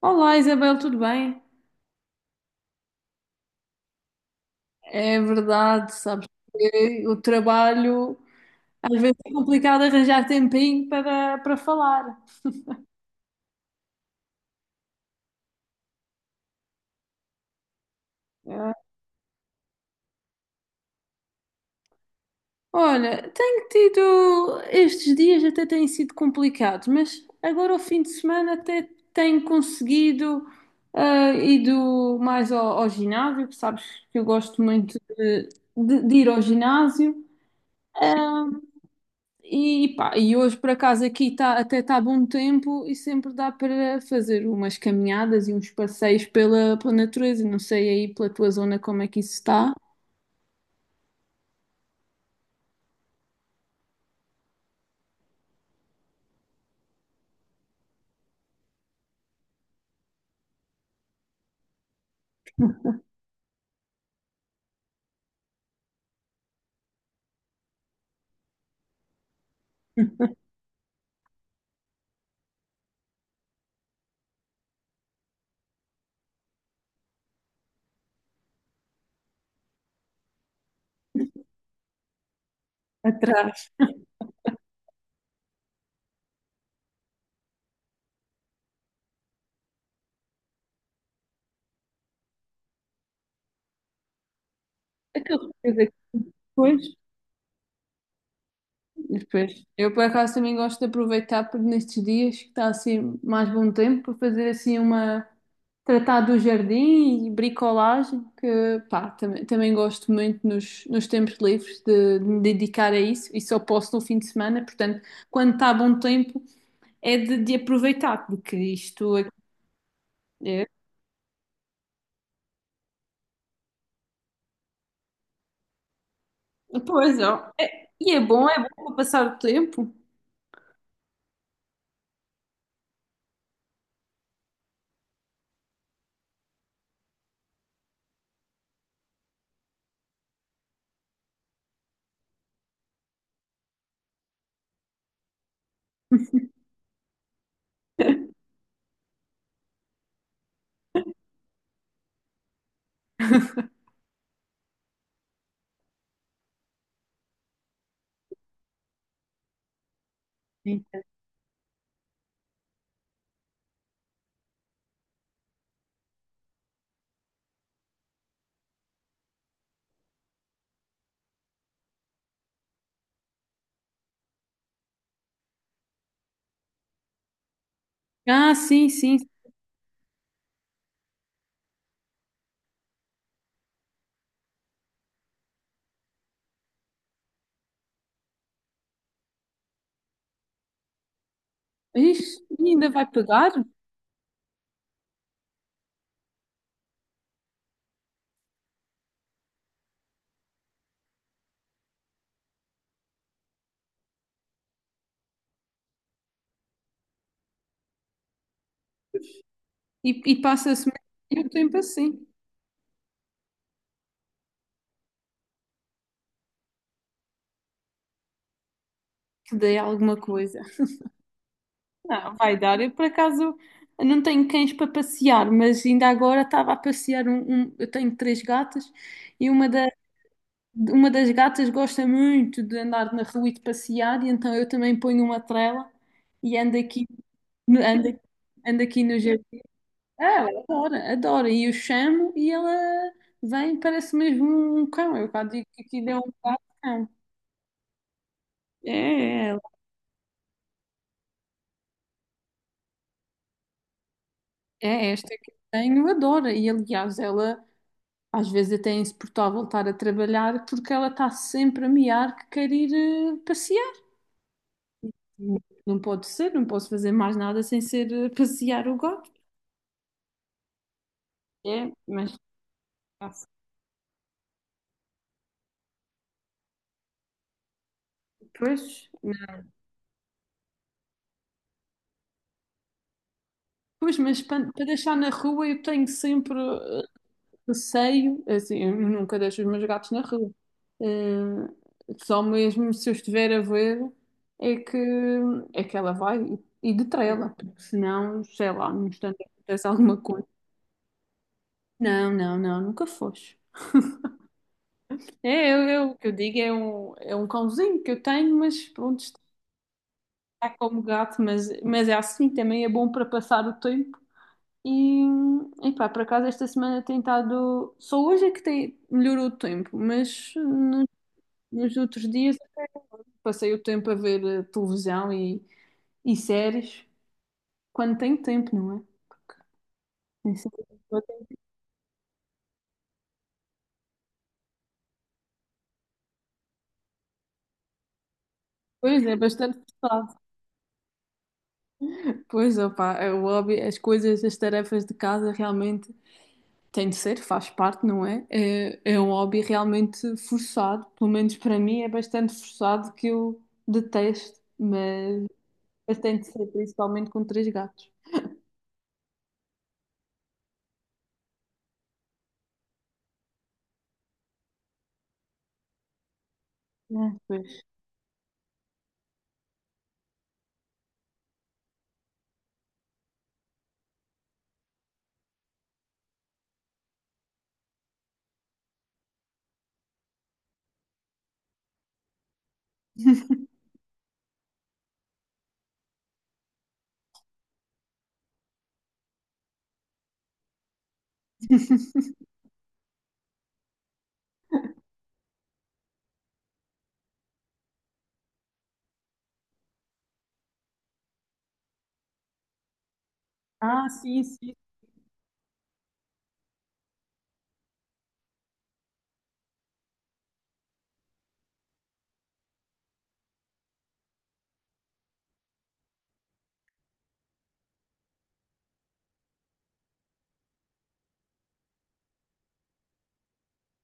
Olá Isabel, tudo bem? É verdade, sabes que o trabalho às vezes é complicado arranjar tempinho para falar. É. Olha, tenho tido estes dias até têm sido complicados, mas agora ao fim de semana até tenho conseguido ido mais ao ginásio, que sabes que eu gosto muito de, de ir ao ginásio. E, pá, e hoje por acaso aqui tá, até está bom tempo e sempre dá para fazer umas caminhadas e uns passeios pela natureza. Não sei aí pela tua zona como é que isso está. Atrás. Aquela coisa que depois. Depois. Eu por acaso também gosto de aproveitar por nestes dias que está assim mais bom tempo para fazer assim uma, tratar do jardim e bricolagem, que pá, também, também gosto muito nos tempos livres de me dedicar a isso e só posso no fim de semana, portanto, quando está bom tempo é de aproveitar, porque isto é. Pois ó, é, e é bom para passar o tempo. Sim. Ah, sim, sim. Ixi, e ainda vai pegar e passa-se muito tempo assim, que dê alguma coisa. Não, vai dar. Eu, por acaso, não tenho cães para passear, mas ainda agora estava a passear um, eu tenho três gatas e uma, da, uma das gatas gosta muito de andar na rua e de passear, e então eu também ponho uma trela e ando aqui, ando, ando aqui no jardim. Ah, ela adora, adora. E eu chamo e ela vem, parece mesmo um cão. Eu cá digo que aquilo é um cão. É, é esta que eu tenho, adora. E aliás, ela. Às vezes até é insuportável voltar a trabalhar porque ela está sempre a miar que quer ir passear. Não pode ser, não posso fazer mais nada sem ser passear o gato. É, mas pois, pois, mas para deixar na rua eu tenho sempre receio, assim, eu nunca deixo os meus gatos na rua. Eh, só mesmo se eu estiver a ver é que, é que ela vai e de trela, porque senão, sei lá, não instante acontece alguma coisa. Não, não, não, nunca foste. É, o que eu digo é um cãozinho que eu tenho, mas pronto, está como gato, mas é assim, também é bom para passar o tempo. E, e pá, por acaso esta semana tem estado. Só hoje é que tem, melhorou o tempo, mas nos outros dias passei o tempo a ver televisão e séries, quando tenho tempo, não é? Porque nem sempre tenho tempo. Pois é, bastante pesado. Pois, opá, é o hobby, as coisas, as tarefas de casa realmente. Tem de ser, faz parte, não é? É, é um hobby realmente forçado, pelo menos para mim é bastante forçado que eu detesto, mas tem de ser, principalmente com três gatos. Ah, pois. Ah, sim, sim.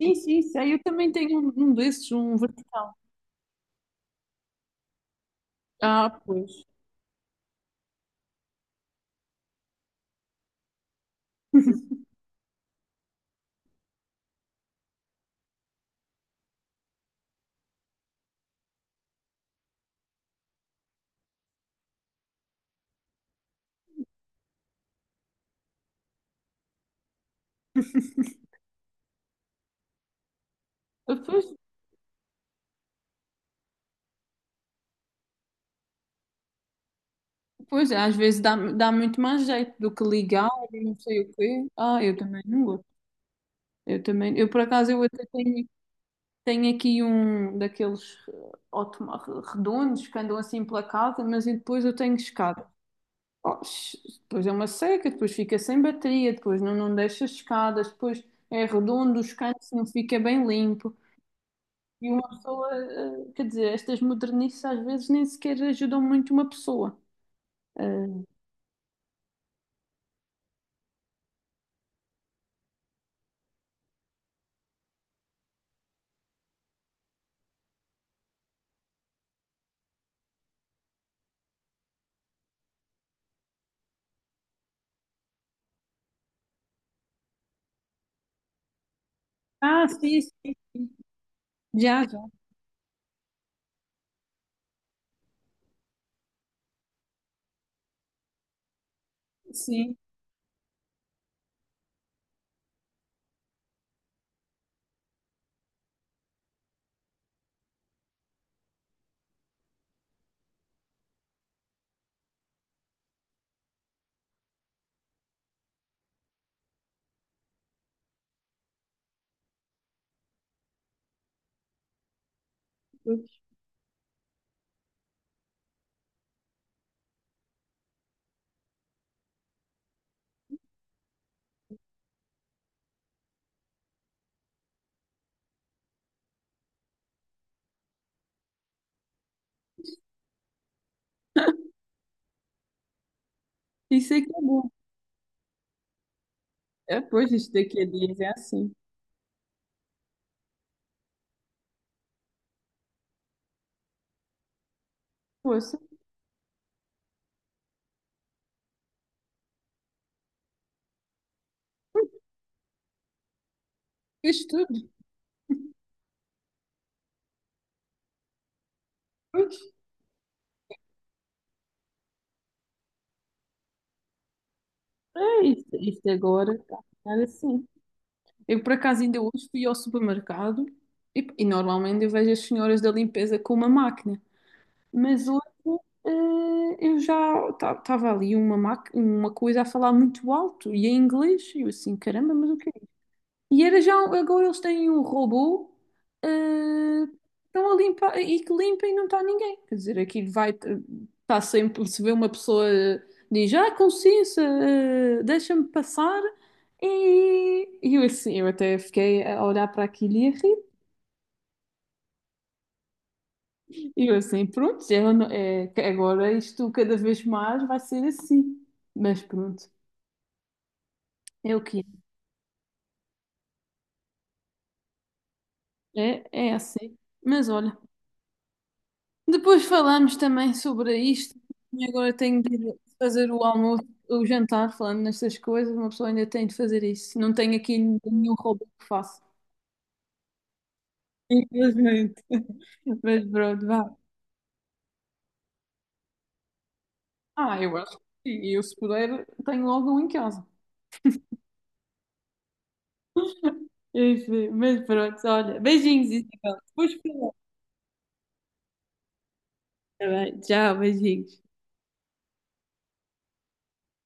Sim, sim, sei. Eu também tenho um, um desses, um vertical. Ah, pois. Ah, pois, pois, às vezes dá, dá muito mais jeito do que ligar e não sei o quê. Ah, eu também não gosto. Eu também, eu por acaso eu até tenho tem aqui um daqueles redondos que andam assim pela casa, mas e depois eu tenho escada. Oh, depois é uma seca, depois fica sem bateria, depois não, não deixa escadas, depois é redondo, os cantos não fica bem limpo. E uma pessoa, quer dizer, estas modernices às vezes nem sequer ajudam muito uma pessoa. Ah, ah, sim, sim, sim. Já, já, sim. Pois. Isso é que é bom. É, pois, isto daqui a dias é assim. Poxa, fez tudo. É isto, isto agora está a ficar assim. Eu, por acaso, ainda hoje fui ao supermercado e normalmente eu vejo as senhoras da limpeza com uma máquina, mas hoje eh, eu já estava ali uma, uma coisa a falar muito alto e em inglês. E eu assim, caramba, mas o que é e era já, agora eles têm um robô, ah, estão a limpar, e que limpa e não está ninguém. Quer dizer, aqui vai, está sempre, se vê uma pessoa, ah, diz, ah, com licença, ah, deixa-me passar. E eu assim, eu até fiquei a olhar para aquilo e a rir. E eu assim, pronto, já não- é, que agora isto cada vez mais vai ser assim. Mas pronto, é o que é, é assim. Mas olha. Depois falamos também sobre isto. E agora tenho de ir fazer o almoço, o jantar, falando nestas coisas. Uma pessoa ainda tem de fazer isso. Não tenho aqui nenhum hobby que faça. Infelizmente. Mas pronto, vá. Ah, eu acho que sim. Eu, se puder, tenho logo um em casa. Enfim, mas pronto, olha. Beijinhos, Isabel. Depois falamos. Tá bem, tchau, beijinhos.